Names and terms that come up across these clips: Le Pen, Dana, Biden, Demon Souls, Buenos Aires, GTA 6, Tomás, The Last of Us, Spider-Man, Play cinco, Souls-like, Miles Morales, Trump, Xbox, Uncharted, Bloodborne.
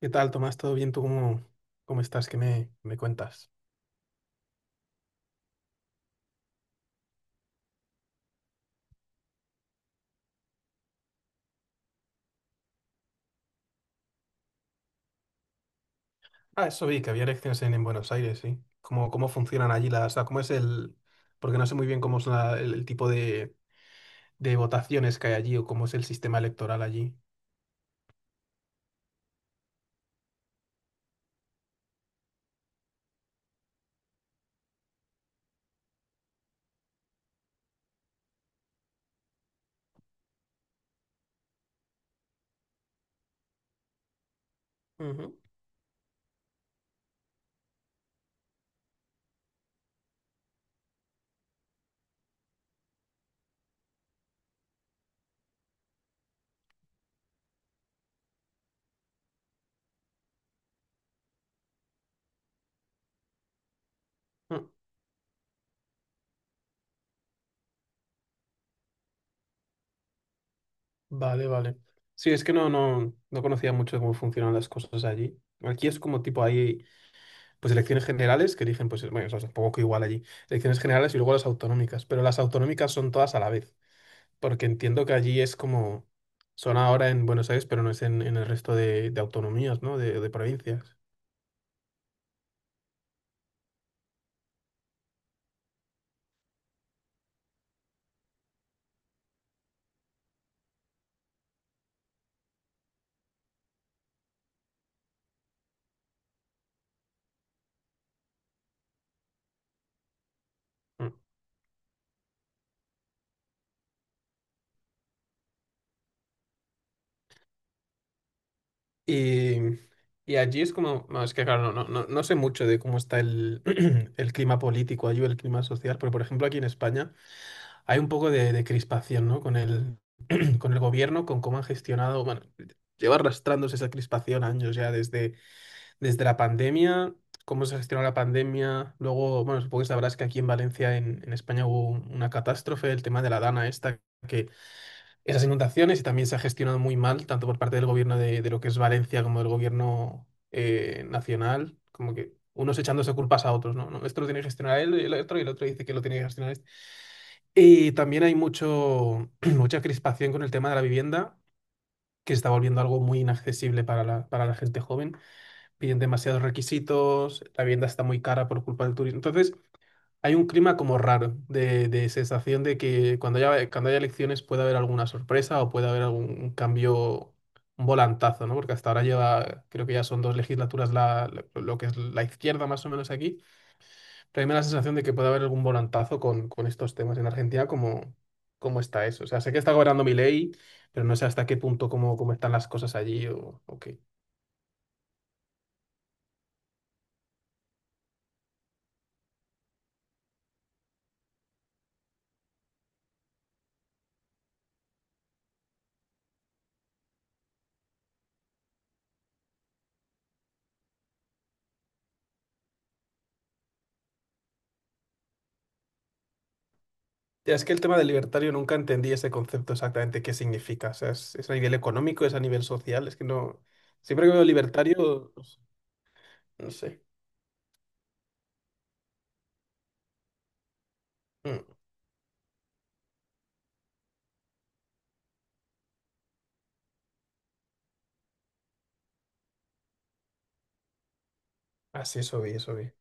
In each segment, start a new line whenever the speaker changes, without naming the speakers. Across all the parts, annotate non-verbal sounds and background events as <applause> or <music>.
¿Qué tal, Tomás? ¿Todo bien? ¿Tú cómo estás? ¿Qué me cuentas? Ah, eso vi, que había elecciones en Buenos Aires, ¿sí? ¿Cómo funcionan allí las... O sea, cómo es el... Porque no sé muy bien cómo es el tipo de votaciones que hay allí o cómo es el sistema electoral allí. Ujú. Mm. Vale, vale. Sí, es que no, no, no conocía mucho cómo funcionan las cosas allí. Aquí es como tipo hay pues elecciones generales que eligen, pues, bueno, eso es un poco igual allí. Elecciones generales y luego las autonómicas, pero las autonómicas son todas a la vez. Porque entiendo que allí es como, son ahora en Buenos Aires, pero no es en el resto de autonomías, ¿no? De provincias. Mm. Y, y allí es como, no, es que claro, no, no, no sé mucho de cómo está el, <clears throat> el clima político allí o el clima social, pero por ejemplo aquí en España hay un poco de crispación, ¿no? Con el, <clears throat> con el gobierno, con cómo han gestionado, bueno, lleva arrastrándose esa crispación años ya desde la pandemia, cómo se gestionó la pandemia. Luego, bueno, supongo que sabrás que aquí en Valencia, en España, hubo una catástrofe, el tema de la Dana esta, que esas inundaciones y también se ha gestionado muy mal, tanto por parte del gobierno de lo que es Valencia como del gobierno nacional, como que unos echándose culpas a otros, ¿no? No, esto lo tiene que gestionar él y el otro dice que lo tiene que gestionar este. Y también hay mucho, <clears throat> mucha crispación con el tema de la vivienda, que se está volviendo algo muy inaccesible para la gente joven. Piden demasiados requisitos, la vivienda está muy cara por culpa del turismo. Entonces, hay un clima como raro de sensación de que cuando haya elecciones puede haber alguna sorpresa o puede haber algún cambio, un volantazo, ¿no? Porque hasta ahora lleva, creo que ya son dos legislaturas la, lo que es la izquierda más o menos aquí, pero a mí me da la sensación de que puede haber algún volantazo con estos temas en Argentina, cómo está eso. O sea, sé que está gobernando mi ley, pero no sé hasta qué punto, cómo están las cosas allí o qué. Ya. Es que el tema del libertario nunca entendí ese concepto exactamente qué significa. O sea, es a nivel económico, es a nivel social. Es que no. Siempre que veo libertario, pues, no sé. Así, eso vi, eso vi.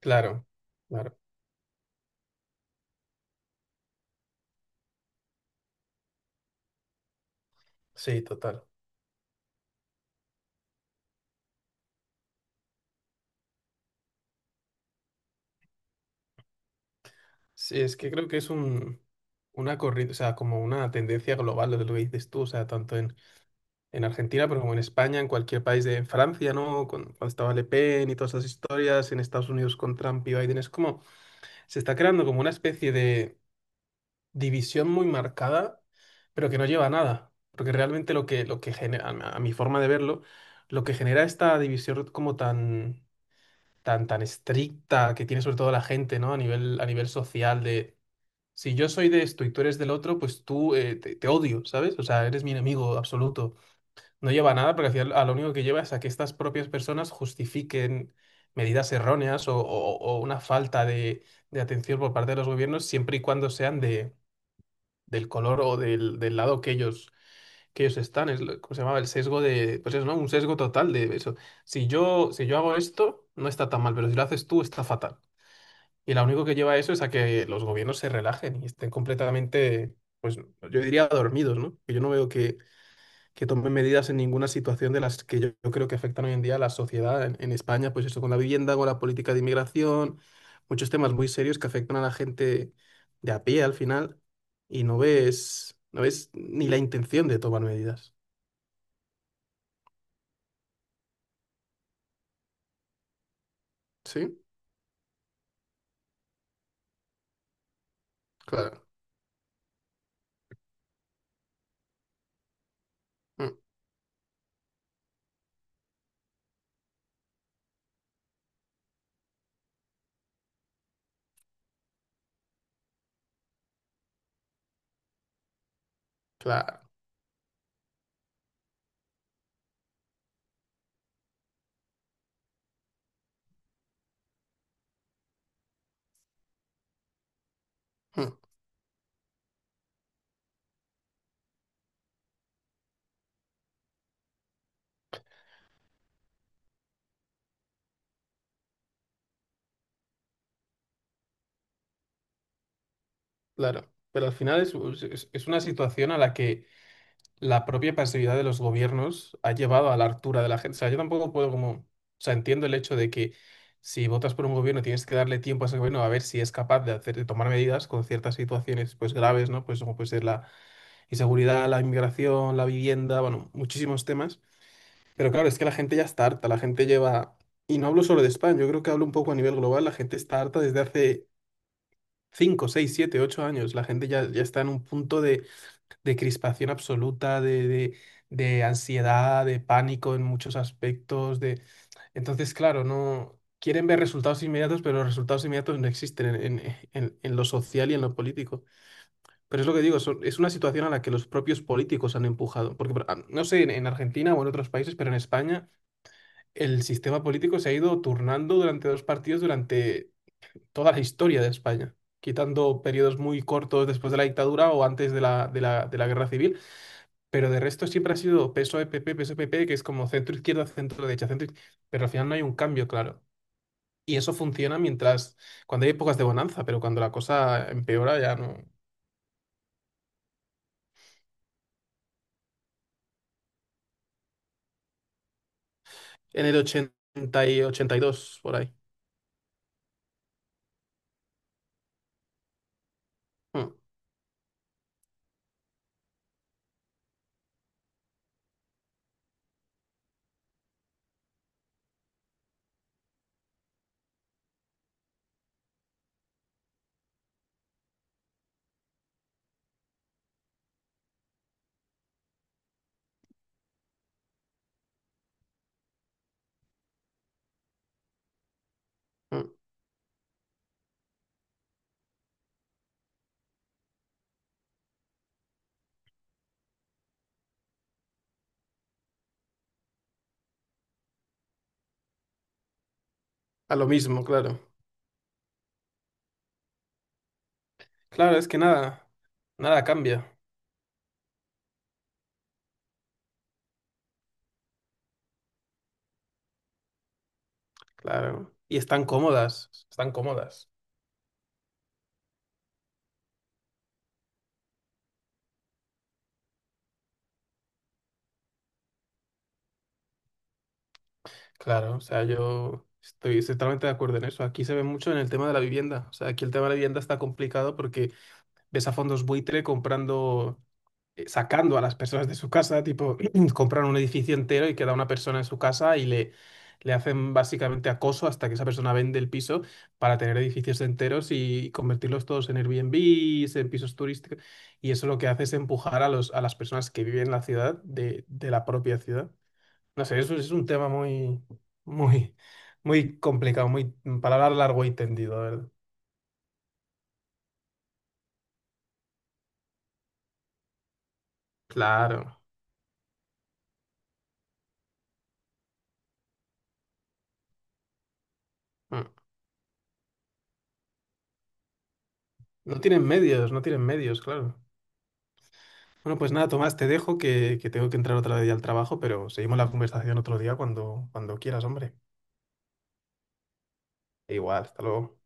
Claro, claro. Sí, total. Sí, es que creo que es una corriente, o sea, como una tendencia global lo de lo que dices tú, o sea, tanto en Argentina, pero como en España, en cualquier país de en Francia, ¿no? Cuando estaba Le Pen y todas esas historias, en Estados Unidos con Trump y Biden, es como, se está creando como una especie de división muy marcada, pero que no lleva a nada. Porque realmente lo que, genera, a mi forma de verlo, lo que genera esta división como tan, tan, tan estricta que tiene sobre todo la gente, ¿no? A nivel social de si yo soy de esto y tú eres del otro, pues tú te odio, ¿sabes? O sea, eres mi enemigo absoluto. No lleva a nada porque al final a lo único que lleva es a que estas propias personas justifiquen medidas erróneas o una falta de atención por parte de los gobiernos siempre y cuando sean de del color o del lado que ellos están. ¿Cómo se llamaba? El sesgo de, pues eso, ¿no? Un sesgo total de eso. Si yo hago esto, no está tan mal, pero si lo haces tú, está fatal. Y lo único que lleva a eso es a que los gobiernos se relajen y estén completamente, pues yo diría dormidos, ¿no? Que yo no veo que tome medidas en ninguna situación de las que yo creo que afectan hoy en día a la sociedad en España, pues eso con la vivienda, con la política de inmigración, muchos temas muy serios que afectan a la gente de a pie al final y no ves ni la intención de tomar medidas. ¿Sí? Claro. Mm. Claro. Mm. Claro. Pero al final es una situación a la que la propia pasividad de los gobiernos ha llevado a la hartura de la gente. O sea, yo tampoco puedo como, o sea, entiendo el hecho de que si votas por un gobierno tienes que darle tiempo a ese gobierno a ver si es capaz de hacer, de tomar medidas con ciertas situaciones pues graves, ¿no? Pues como puede ser la inseguridad, la inmigración, la vivienda, bueno, muchísimos temas. Pero claro, es que la gente ya está harta, la gente lleva, y no hablo solo de España, yo creo que hablo un poco a nivel global, la gente está harta desde hace 5, 6, 7, 8 años, la gente ya está en un punto de crispación absoluta, de ansiedad, de pánico en muchos aspectos, de... Entonces, claro, no. Quieren ver resultados inmediatos, pero los resultados inmediatos no existen en lo social y en lo político. Pero es lo que digo, es una situación a la que los propios políticos han empujado. Porque, no sé, en Argentina o en otros países, pero en España el sistema político se ha ido turnando durante dos partidos durante toda la historia de España, quitando periodos muy cortos después de la dictadura o antes de la guerra civil. Pero de resto siempre ha sido peso pp peso pp, que es como centro-izquierda, centro-derecha, centro derecha. Pero al final no hay un cambio, claro. Y eso funciona mientras, cuando hay épocas de bonanza, pero cuando la cosa empeora ya no. En el 80 y 82 por ahí. Mm, mm. A lo mismo, claro. Claro, es que nada cambia, claro. Y están cómodas, están cómodas. Claro, o sea, yo estoy totalmente de acuerdo en eso. Aquí se ve mucho en el tema de la vivienda. O sea, aquí el tema de la vivienda está complicado porque ves a fondos buitre comprando, sacando a las personas de su casa, tipo, <clears throat> compran un edificio entero y queda una persona en su casa y le hacen básicamente acoso hasta que esa persona vende el piso para tener edificios enteros y convertirlos todos en Airbnb, en pisos turísticos. Y eso lo que hace es empujar a a las personas que viven en la ciudad de la propia ciudad. No sé, eso es un tema muy, muy, muy complicado, para hablar largo y tendido, la ¿verdad? Claro. Mm. No tienen medios, claro. Bueno, pues nada, Tomás, te dejo que tengo que entrar otra vez ya al trabajo, pero seguimos la conversación otro día cuando quieras, hombre. Igual, hasta luego.